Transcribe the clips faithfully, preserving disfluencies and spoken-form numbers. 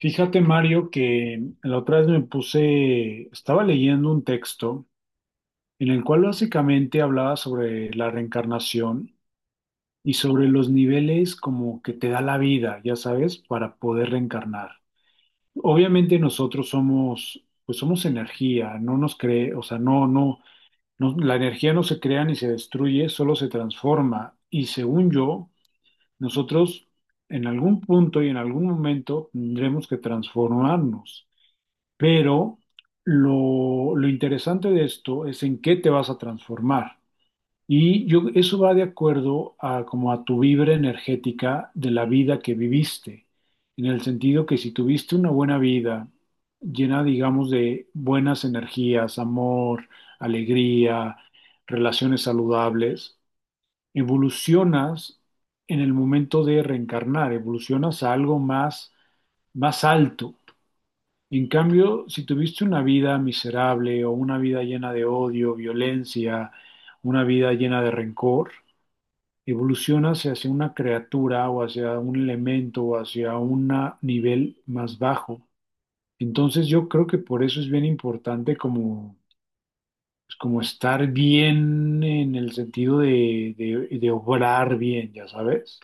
Fíjate, Mario, que la otra vez me puse, estaba leyendo un texto en el cual básicamente hablaba sobre la reencarnación y sobre los niveles como que te da la vida, ya sabes, para poder reencarnar. Obviamente nosotros somos, pues somos energía, no nos cree, o sea, no, no, no, la energía no se crea ni se destruye, solo se transforma. Y según yo, nosotros en algún punto y en algún momento tendremos que transformarnos. Pero lo, lo interesante de esto es en qué te vas a transformar. Y yo, eso va de acuerdo a como a tu vibra energética de la vida que viviste, en el sentido que si tuviste una buena vida llena, digamos, de buenas energías, amor, alegría, relaciones saludables, evolucionas en el momento de reencarnar, evolucionas a algo más, más alto. En cambio, si tuviste una vida miserable o una vida llena de odio, violencia, una vida llena de rencor, evolucionas hacia una criatura o hacia un elemento o hacia un nivel más bajo. Entonces yo creo que por eso es bien importante como, pues, como estar bien en el sentido de, de, de obrar bien, ya sabes.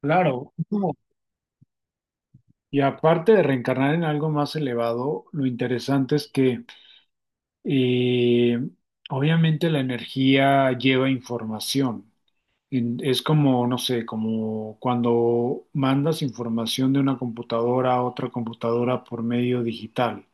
Claro, como- y aparte de reencarnar en algo más elevado, lo interesante es que Eh, obviamente la energía lleva información. En- Es como, no sé, como cuando mandas información de una computadora a otra computadora por medio digital.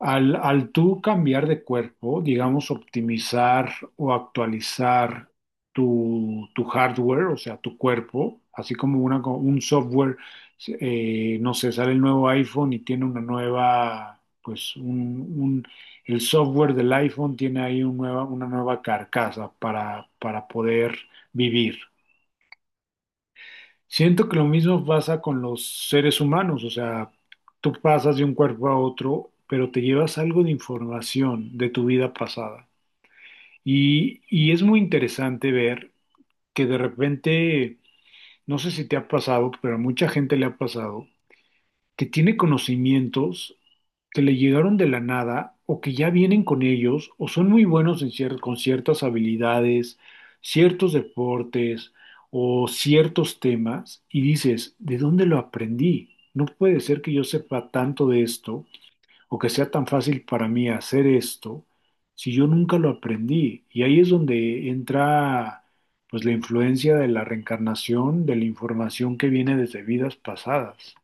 Al, al tú cambiar de cuerpo, digamos, optimizar o actualizar tu, tu hardware, o sea, tu cuerpo, así como una, co- un software, eh, no sé, sale el nuevo iPhone y tiene una nueva, pues, un, un- el software del iPhone tiene ahí una nueva una nueva carcasa para para poder vivir. Siento que lo mismo pasa con los seres humanos, o sea, tú pasas de un cuerpo a otro, pero te llevas algo de información de tu vida pasada. Y, y es muy interesante ver que de repente, no sé si te ha pasado, pero a mucha gente le ha pasado, que tiene conocimientos que le llegaron de la nada o que ya vienen con ellos o son muy buenos en cier- con ciertas habilidades, ciertos deportes o ciertos temas y dices, ¿de dónde lo aprendí? No puede ser que yo sepa tanto de esto o que sea tan fácil para mí hacer esto si yo nunca lo aprendí. Y ahí es donde entra pues la influencia de la reencarnación, de la información que viene desde vidas pasadas.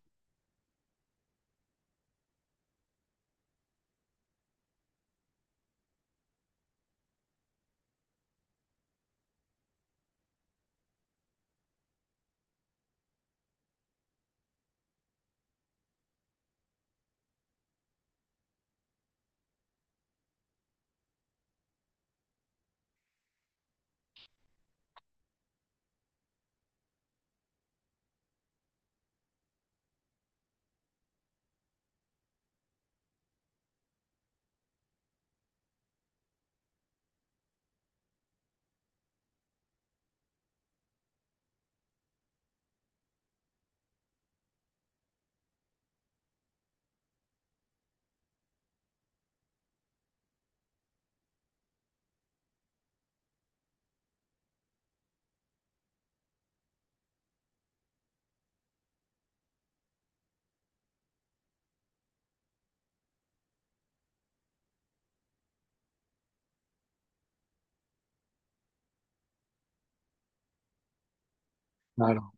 Claro.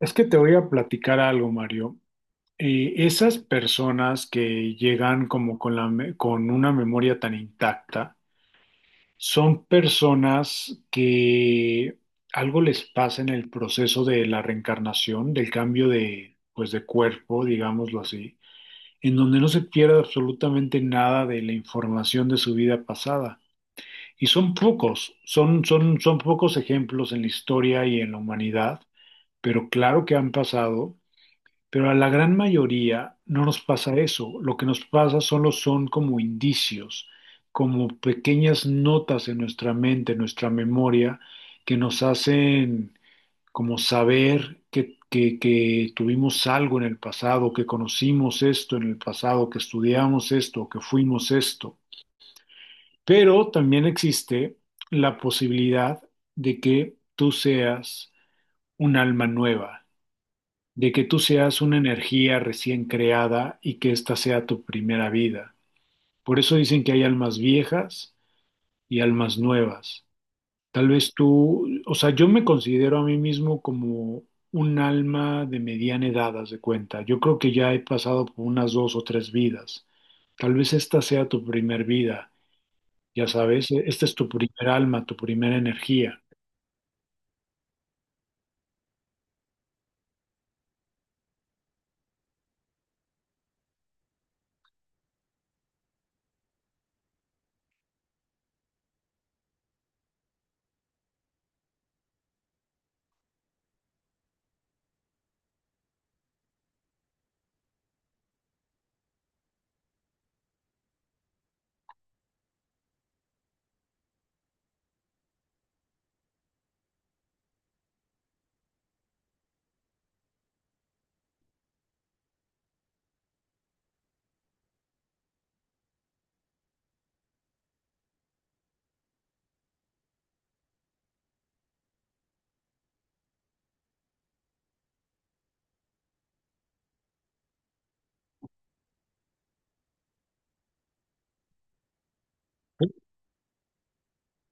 Es que te voy a platicar algo, Mario. Eh, esas personas que llegan como con la, me- con una memoria tan intacta, son personas que algo les pasa en el proceso de la reencarnación, del cambio de, pues, de cuerpo, digámoslo así, en donde no se pierde absolutamente nada de la información de su vida pasada. Y son pocos, son, son, son pocos ejemplos en la historia y en la humanidad, pero claro que han pasado, pero a la gran mayoría no nos pasa eso. Lo que nos pasa solo son como indicios, como pequeñas notas en nuestra mente, en nuestra memoria, que nos hacen como saber que, que- que tuvimos algo en el pasado, que conocimos esto en el pasado, que estudiamos esto, que fuimos esto. Pero también existe la posibilidad de que tú seas un alma nueva, de que tú seas una energía recién creada y que esta sea tu primera vida. Por eso dicen que hay almas viejas y almas nuevas. Tal vez tú, o sea, yo me considero a mí mismo como un alma de mediana edad, haz de cuenta. Yo creo que ya he pasado por unas dos o tres vidas. Tal vez esta sea tu primer vida, ya sabes, esta es tu primer alma, tu primera energía.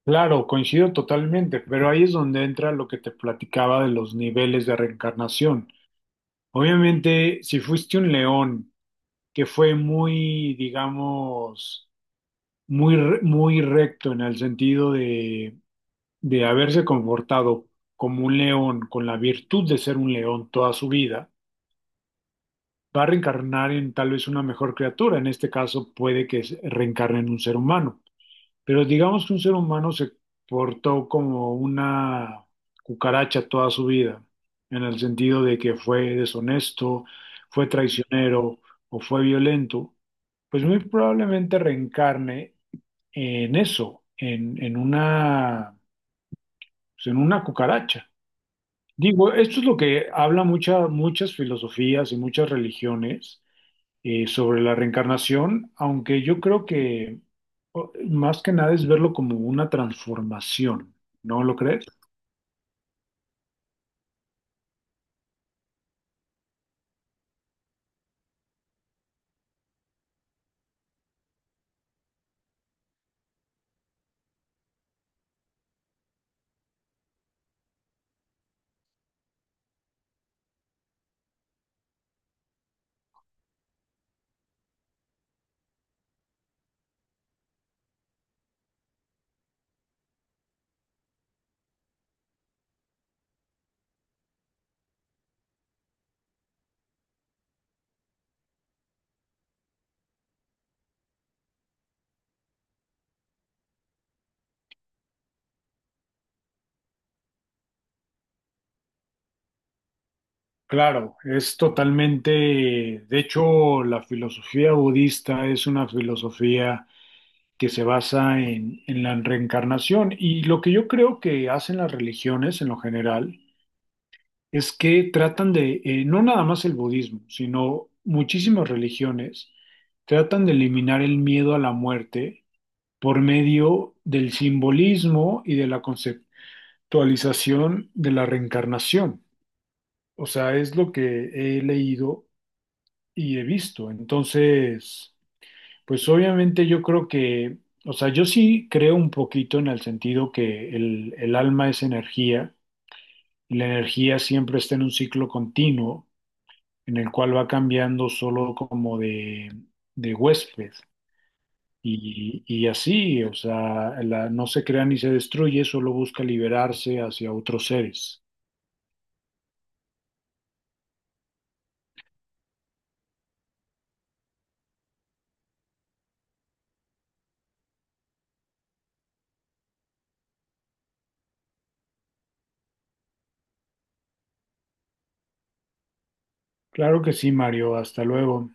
Claro, coincido totalmente, pero ahí es donde entra lo que te platicaba de los niveles de reencarnación. Obviamente, si fuiste un león que fue muy, digamos, muy, re- muy recto en el sentido de, de haberse comportado como un león, con la virtud de ser un león toda su vida, va a reencarnar en tal vez una mejor criatura. En este caso, puede que se- reencarne en un ser humano. Pero digamos que un ser humano se portó como una cucaracha toda su vida, en el sentido de que fue deshonesto, fue traicionero o fue violento, pues muy probablemente reencarne en eso, en, en una, pues, en una cucaracha. Digo, esto es lo que habla mucha- muchas filosofías y muchas religiones eh, sobre la reencarnación, aunque yo creo que o- más que nada es verlo como una transformación, ¿no lo crees? Claro, es totalmente, de hecho, la filosofía budista es una filosofía que se basa en, en la reencarnación y lo que yo creo que hacen las religiones en lo general es que tratan de, eh, no nada más el budismo, sino muchísimas religiones tratan de eliminar el miedo a la muerte por medio del simbolismo y de la conceptualización de la reencarnación. O sea, es lo que he leído y he visto. Entonces, pues obviamente yo creo que, o sea, yo sí creo un poquito en el sentido que el, el alma es energía y la energía siempre está en un ciclo continuo en el cual va cambiando solo como de, de huésped. Y, y así, o sea, la- no se crea ni se destruye, solo busca liberarse hacia otros seres. Claro que sí, Mario, hasta luego.